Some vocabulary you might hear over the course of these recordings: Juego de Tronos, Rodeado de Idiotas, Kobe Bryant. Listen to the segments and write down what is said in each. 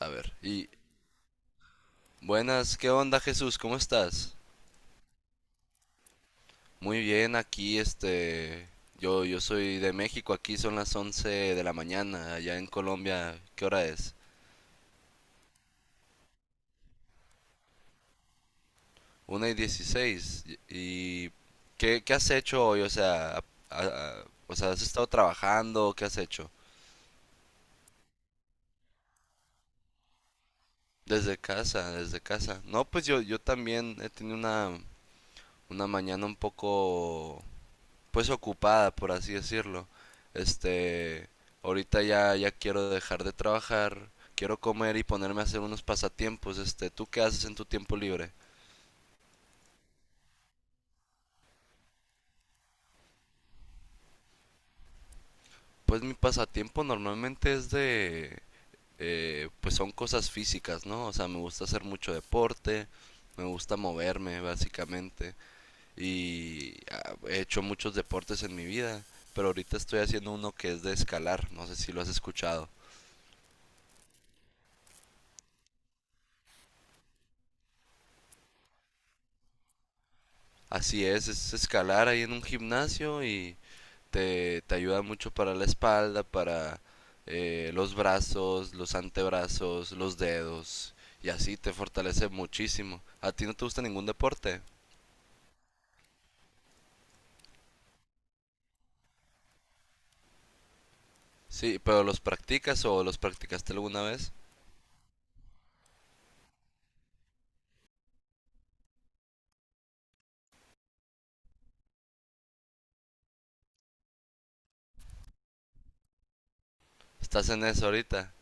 A ver, y buenas, ¿qué onda Jesús? ¿Cómo estás? Muy bien, aquí este, yo soy de México, aquí son las 11 de la mañana, allá en Colombia, ¿qué hora es? 1:16. Y ¿¿qué has hecho hoy? O sea, o sea, ¿has estado trabajando? ¿Qué has hecho? Desde casa, desde casa. No, pues yo también he tenido una mañana un poco pues ocupada, por así decirlo. Este, ahorita ya ya quiero dejar de trabajar, quiero comer y ponerme a hacer unos pasatiempos. Este, ¿tú qué haces en tu tiempo libre? Pues mi pasatiempo normalmente es de pues son cosas físicas, ¿no? O sea, me gusta hacer mucho deporte, me gusta moverme básicamente y ah, he hecho muchos deportes en mi vida, pero ahorita estoy haciendo uno que es de escalar, no sé si lo has escuchado. Así es escalar ahí en un gimnasio y te ayuda mucho para la espalda, para los brazos, los antebrazos, los dedos, y así te fortalece muchísimo. ¿A ti no te gusta ningún deporte? Sí, pero ¿los practicas o los practicaste alguna vez? Estás en eso ahorita.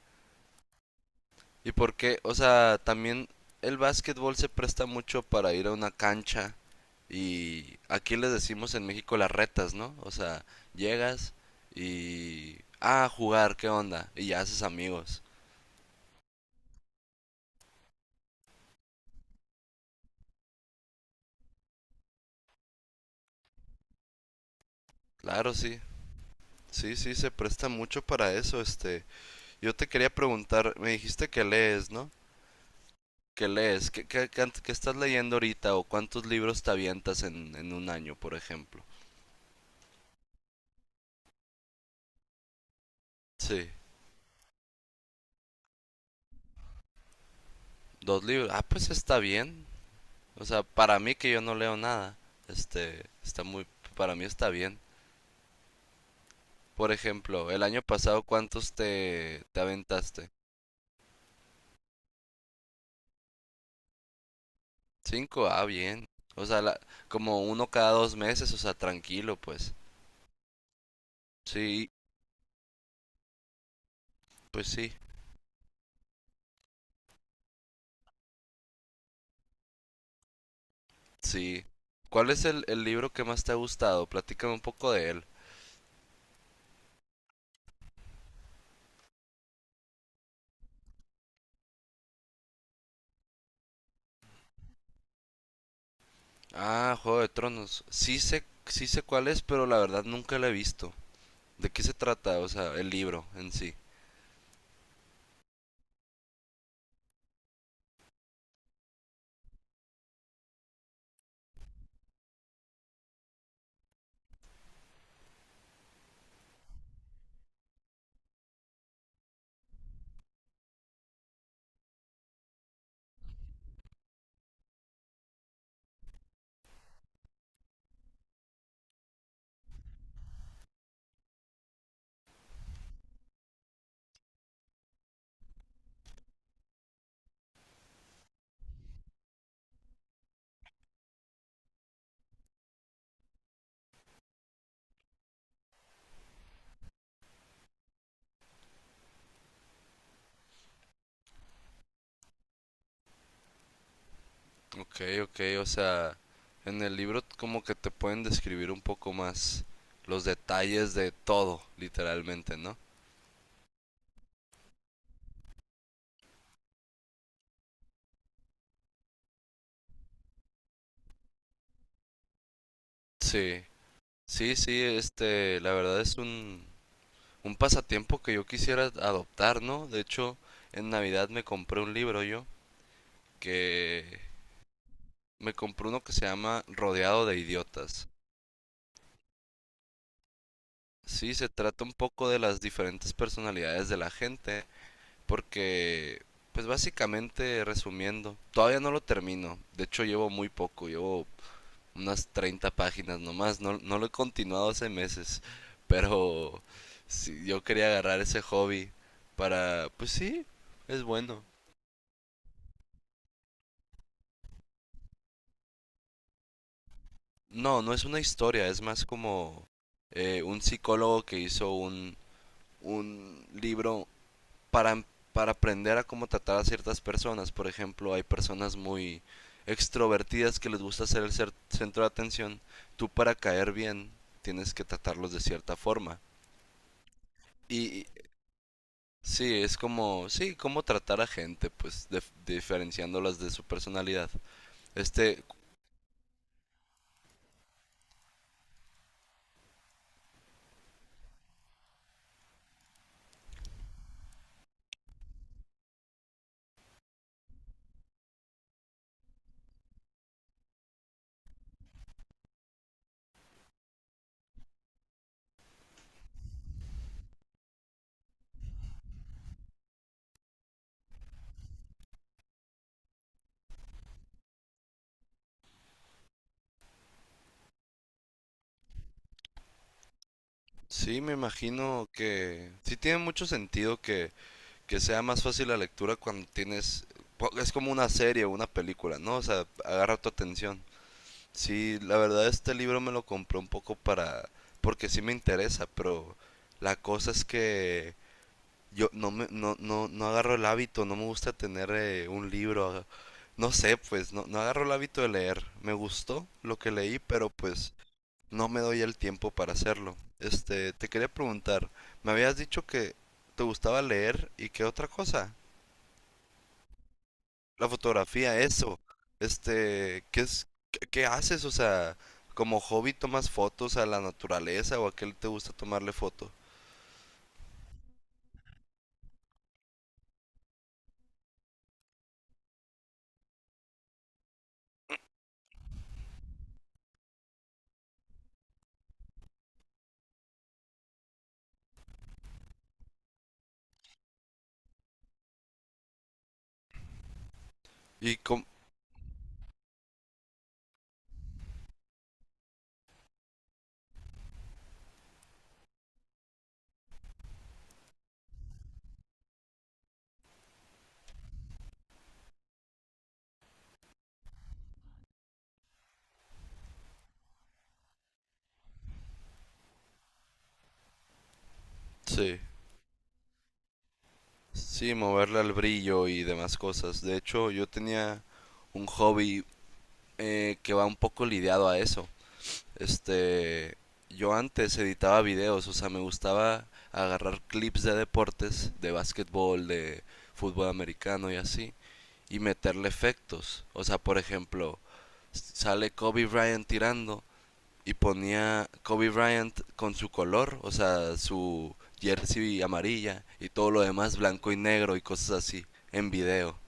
¿Y por qué? O sea, también el básquetbol se presta mucho para ir a una cancha y aquí les decimos en México las retas, ¿no? O sea, llegas y... Ah, a jugar, ¿qué onda? Y ya haces amigos. Claro, sí. Sí, sí, se presta mucho para eso, este. Yo te quería preguntar, me dijiste que lees, ¿no? ¿Qué lees? ¿Qué estás leyendo ahorita? ¿O cuántos libros te avientas en un año, por ejemplo? Sí, dos libros. Ah, pues está bien. O sea, para mí que yo no leo nada, este, está muy, para mí está bien. Por ejemplo, el año pasado, ¿cuántos te aventaste? Cinco, ah, bien. O sea, como uno cada 2 meses, o sea, tranquilo, pues. Sí, pues sí. Sí. ¿Cuál es el libro que más te ha gustado? Platícame un poco de él. Ah, Juego de Tronos. Sí sé cuál es, pero la verdad nunca lo he visto. ¿De qué se trata? O sea, el libro en sí. Ok, ok, o sea, en el libro como que te pueden describir un poco más los detalles de todo, literalmente, ¿no? Sí, sí, sí, este, la verdad es un pasatiempo que yo quisiera adoptar, ¿no? De hecho, en Navidad me compré un libro yo que me compré uno que se llama Rodeado de Idiotas. Sí, se trata un poco de las diferentes personalidades de la gente, porque, pues básicamente, resumiendo, todavía no lo termino. De hecho, llevo muy poco, llevo unas 30 páginas nomás, no, no lo he continuado hace meses, pero sí, yo quería agarrar ese hobby para, pues sí, es bueno. No, no es una historia, es más como un psicólogo que hizo un libro para, em, para aprender a cómo tratar a ciertas personas. Por ejemplo, hay personas muy extrovertidas que les gusta ser el centro de atención. Tú para caer bien tienes que tratarlos de cierta forma. Y sí, es como, sí, cómo tratar a gente, pues diferenciándolas de su personalidad. Este, sí, me imagino que sí tiene mucho sentido que sea más fácil la lectura cuando tienes... po- Es como una serie o una película, ¿no? O sea, agarra tu atención. Sí, la verdad este libro me lo compré un poco para... porque sí me interesa, pero la cosa es que yo no me, no, no, no agarro el hábito, no me gusta tener un libro, no sé, pues no, no agarro el hábito de leer. Me gustó lo que leí, pero pues no me doy el tiempo para hacerlo. Este, te quería preguntar, me habías dicho que te gustaba leer y qué otra cosa? La fotografía, eso. Este, ¿qué es, qué, qué haces? O sea, como hobby tomas fotos a la naturaleza o a qué te gusta tomarle foto. Y com Sí, sí, moverle al brillo y demás cosas. De hecho, yo tenía un hobby que va un poco lidiado a eso. Este, yo antes editaba videos, o sea, me gustaba agarrar clips de deportes, de básquetbol, de fútbol americano y así, y meterle efectos. O sea, por ejemplo, sale Kobe Bryant tirando y ponía Kobe Bryant con su color, o sea, su jersey amarilla y todo lo demás blanco y negro y cosas así en video.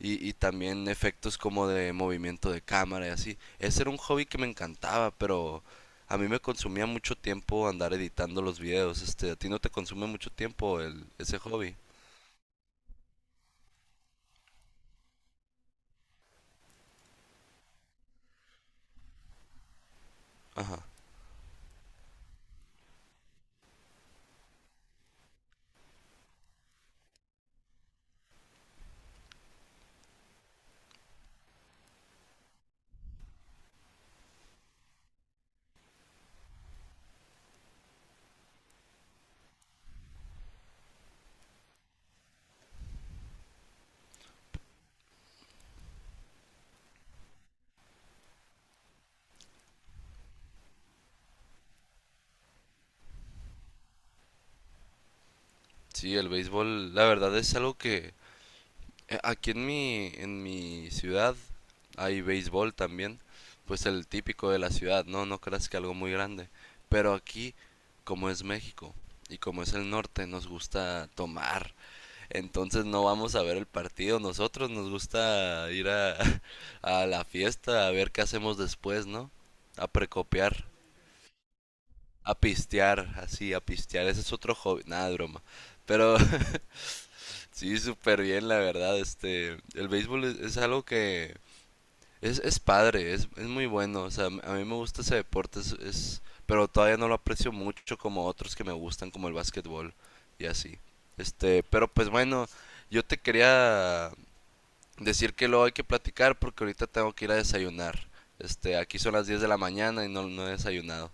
Y también efectos como de movimiento de cámara y así. Ese era un hobby que me encantaba, pero a mí me consumía mucho tiempo andar editando los videos. Este, a ti no te consume mucho tiempo el, ese hobby. Ajá. Sí, el béisbol, la verdad es, algo que eh, aquí en mi ciudad hay béisbol también, pues el típico de la ciudad, no, no creas que algo muy grande, pero aquí, como es México y como es el norte, nos gusta tomar, entonces no vamos a ver el partido, nosotros nos gusta ir a, a la fiesta, a ver qué hacemos después, ¿no? A precopiar. A pistear, así, a pistear. Ese es otro hobby. Nada, de broma. Pero sí, súper bien, la verdad. Este, el béisbol es algo que es padre, es muy bueno. O sea, a mí me gusta ese deporte, pero todavía no lo aprecio mucho como otros que me gustan, como el básquetbol y así. Este, pero pues bueno, yo te quería decir que luego hay que platicar porque ahorita tengo que ir a desayunar. Este, aquí son las 10 de la mañana y no, no he desayunado.